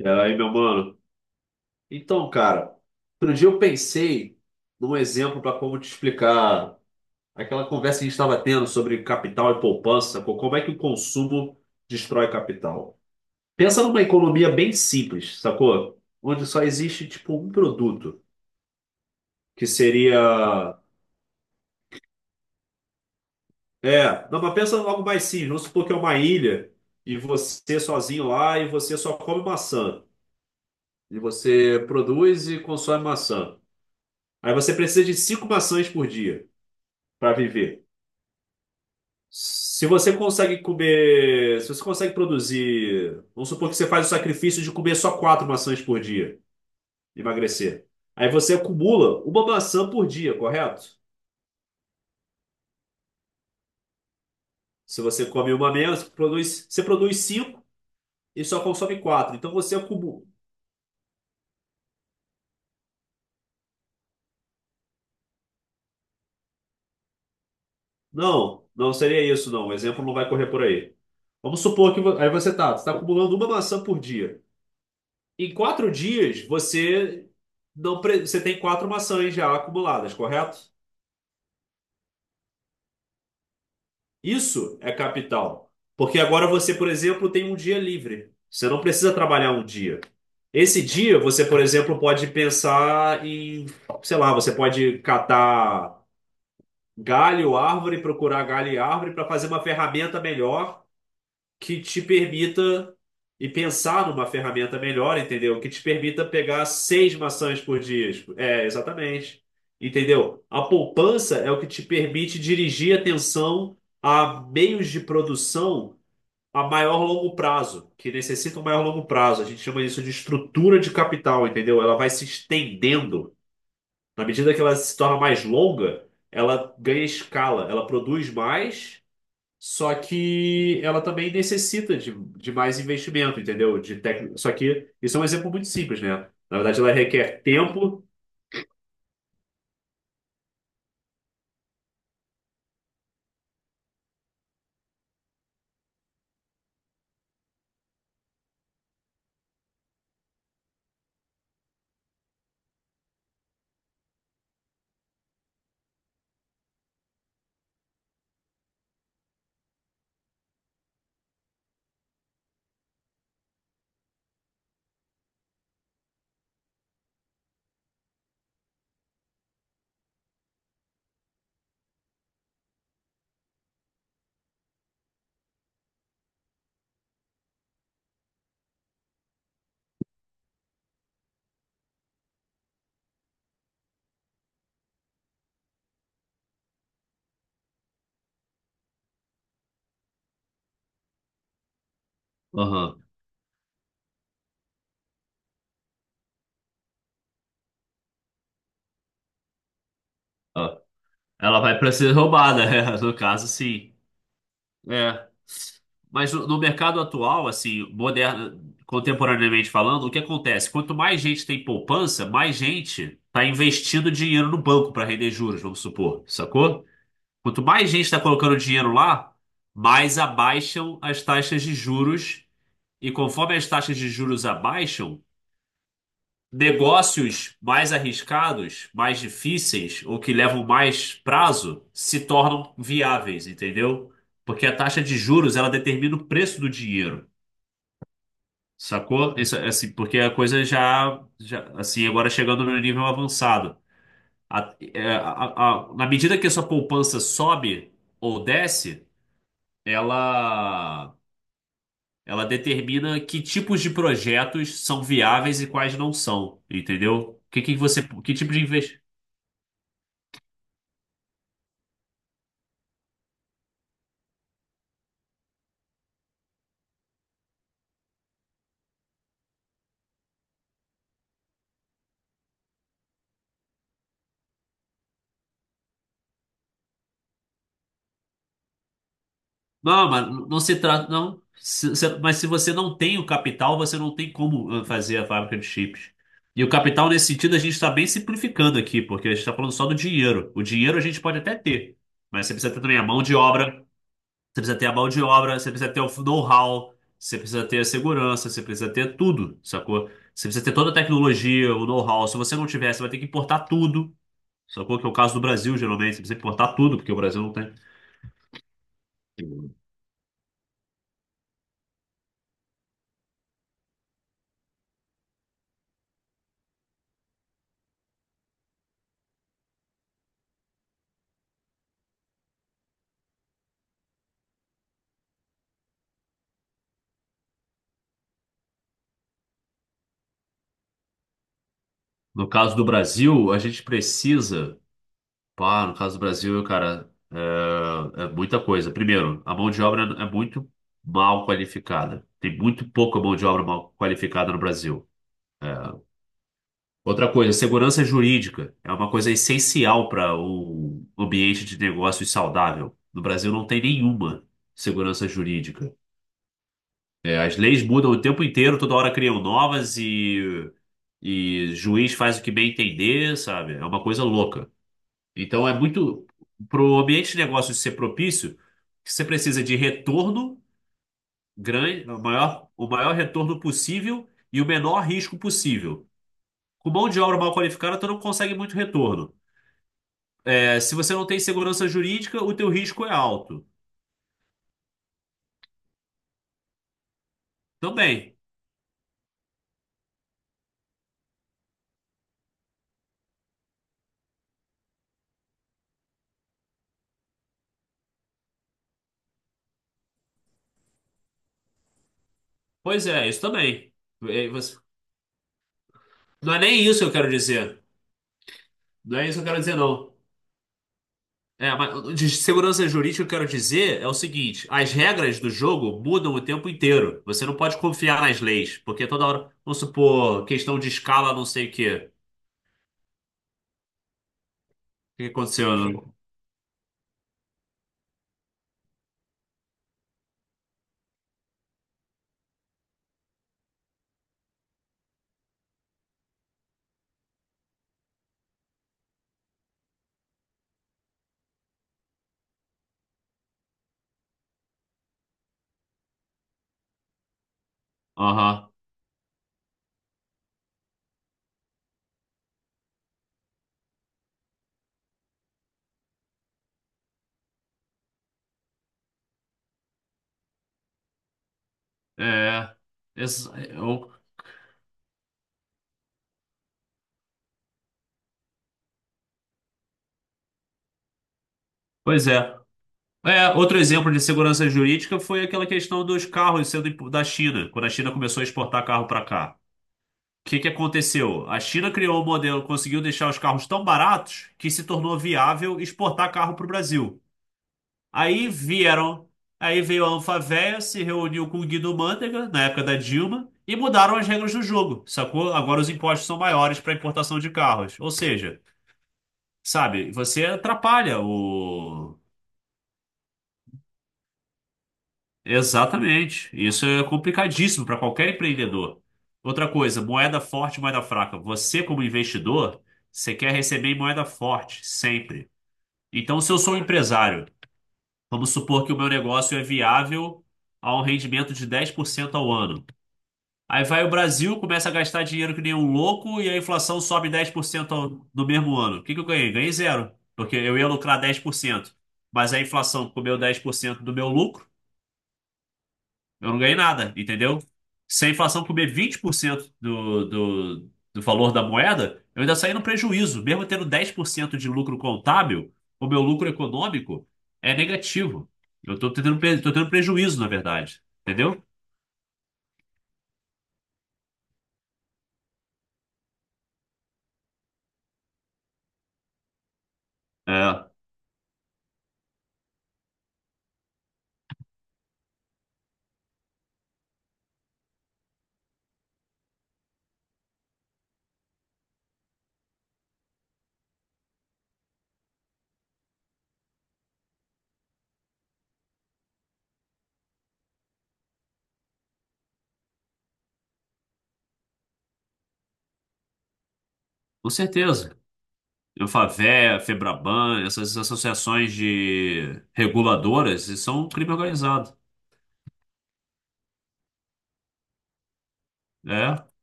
E aí, meu mano? Então, cara, outro dia eu pensei num exemplo para como te explicar aquela conversa que a gente estava tendo sobre capital e poupança, como é que o consumo destrói capital. Pensa numa economia bem simples, sacou? Onde só existe, tipo, um produto, que seria... É, não, mas pensa em algo mais simples. Vamos supor que é uma ilha e você sozinho lá e você só come maçã. E você produz e consome maçã. Aí você precisa de cinco maçãs por dia para viver. Se você consegue comer, se você consegue produzir, vamos supor que você faz o sacrifício de comer só quatro maçãs por dia, emagrecer. Aí você acumula uma maçã por dia, correto? Se você come uma menos, produz, você produz cinco e só consome quatro. Então você acumula. Não, não seria isso, não. O exemplo não vai correr por aí. Vamos supor que aí você está acumulando uma maçã por dia. Em 4 dias, você não, pre- você tem quatro maçãs já acumuladas, correto? Isso é capital. Porque agora você, por exemplo, tem um dia livre. Você não precisa trabalhar um dia. Esse dia, você, por exemplo, pode pensar em, sei lá, você pode catar galho, árvore, procurar galho e árvore para fazer uma ferramenta melhor que te permita e pensar numa ferramenta melhor, entendeu? Que te permita pegar seis maçãs por dia. É, exatamente. Entendeu? A poupança é o que te permite dirigir atenção a meios de produção a maior longo prazo, que necessitam maior longo prazo. A gente chama isso de estrutura de capital, entendeu? Ela vai se estendendo. Na medida que ela se torna mais longa, ela ganha escala, ela produz mais, só que ela também necessita de mais investimento, entendeu? Só que isso é um exemplo muito simples, né? Na verdade, ela requer tempo. Aham. Ó. Ela vai para ser roubada, é, no caso, sim. É. Mas no mercado atual, assim, moderno, contemporaneamente falando, o que acontece? Quanto mais gente tem poupança, mais gente está investindo dinheiro no banco para render juros, vamos supor, sacou? Quanto mais gente está colocando dinheiro lá, mais abaixam as taxas de juros. E conforme as taxas de juros abaixam, negócios mais arriscados, mais difíceis ou que levam mais prazo se tornam viáveis, entendeu? Porque a taxa de juros ela determina o preço do dinheiro, sacou? Isso, assim, porque a coisa já assim agora chegando no nível avançado. Na medida que a sua poupança sobe ou desce, ela Ela determina que tipos de projetos são viáveis e quais não são, entendeu? Que tipo de investimento? Não, mas não se trata, não. Mas se você não tem o capital, você não tem como fazer a fábrica de chips. E o capital, nesse sentido, a gente está bem simplificando aqui, porque a gente está falando só do dinheiro. O dinheiro a gente pode até ter, mas você precisa ter também a mão de obra. Você precisa ter a mão de obra, você precisa ter o know-how, você precisa ter a segurança, você precisa ter tudo, sacou? Você precisa ter toda a tecnologia, o know-how. Se você não tiver, você vai ter que importar tudo, sacou? Que é o caso do Brasil, geralmente. Você precisa importar tudo, porque o Brasil não tem. No caso do Brasil, a gente precisa. Pá, no caso do Brasil, cara, é muita coisa. Primeiro, a mão de obra é muito mal qualificada. Tem muito pouca mão de obra mal qualificada no Brasil. Outra coisa, segurança jurídica é uma coisa essencial para o ambiente de negócios saudável. No Brasil não tem nenhuma segurança jurídica. É, as leis mudam o tempo inteiro, toda hora criam novas e juiz faz o que bem entender, sabe? É uma coisa louca. Então é muito, para o ambiente de negócios ser propício, você precisa de retorno grande, o maior retorno possível e o menor risco possível. Com mão de obra mal qualificada, tu não consegue muito retorno. É, se você não tem segurança jurídica, o teu risco é alto. Também. Pois é, isso também. É, você- Não é nem isso que eu quero dizer. Não é isso que eu quero dizer, não. É, mas de segurança jurídica, o que eu quero dizer é o seguinte: as regras do jogo mudam o tempo inteiro. Você não pode confiar nas leis, porque toda hora, vamos supor, questão de escala, não sei o quê. O que aconteceu, né? Aham. É. Ex- eu- Pois é. É, outro exemplo de segurança jurídica foi aquela questão dos carros sendo da China, quando a China começou a exportar carro para cá. O que que aconteceu? A China criou um modelo, conseguiu deixar os carros tão baratos que se tornou viável exportar carro para o Brasil. Aí vieram, aí veio a Anfavea, se reuniu com o Guido Mantega, na época da Dilma, e mudaram as regras do jogo, sacou? Agora os impostos são maiores para importação de carros. Ou seja, sabe, você atrapalha o. Exatamente. Isso é complicadíssimo para qualquer empreendedor. Outra coisa, moeda forte, moeda fraca. Você, como investidor, você quer receber em moeda forte, sempre. Então, se eu sou um empresário, vamos supor que o meu negócio é viável a um rendimento de 10% ao ano. Aí vai o Brasil, começa a gastar dinheiro que nem um louco e a inflação sobe 10% no mesmo ano. O que que eu ganhei? Ganhei zero, porque eu ia lucrar 10%, mas a inflação comeu 10% do meu lucro. Eu não ganhei nada, entendeu? Se a inflação comer 20% do valor da moeda, eu ainda saí no prejuízo. Mesmo tendo 10% de lucro contábil, o meu lucro econômico é negativo. Eu estou tô tendo prejuízo, na verdade. Entendeu? É, com certeza. Eu Favea, Febraban, essas associações de reguladoras, isso são um crime organizado. É.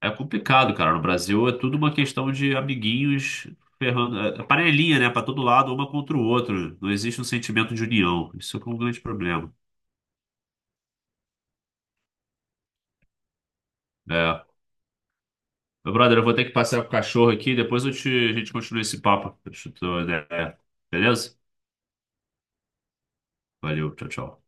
É complicado, cara. No Brasil é tudo uma questão de amiguinhos ferrando, é panelinha, né? Pra todo lado, uma contra o outro. Não existe um sentimento de união. Isso é um grande problema. É. Meu brother, eu vou ter que passear com o cachorro aqui, depois a gente continua esse papo. Deixa eu ter uma ideia. Beleza? Valeu, tchau, tchau.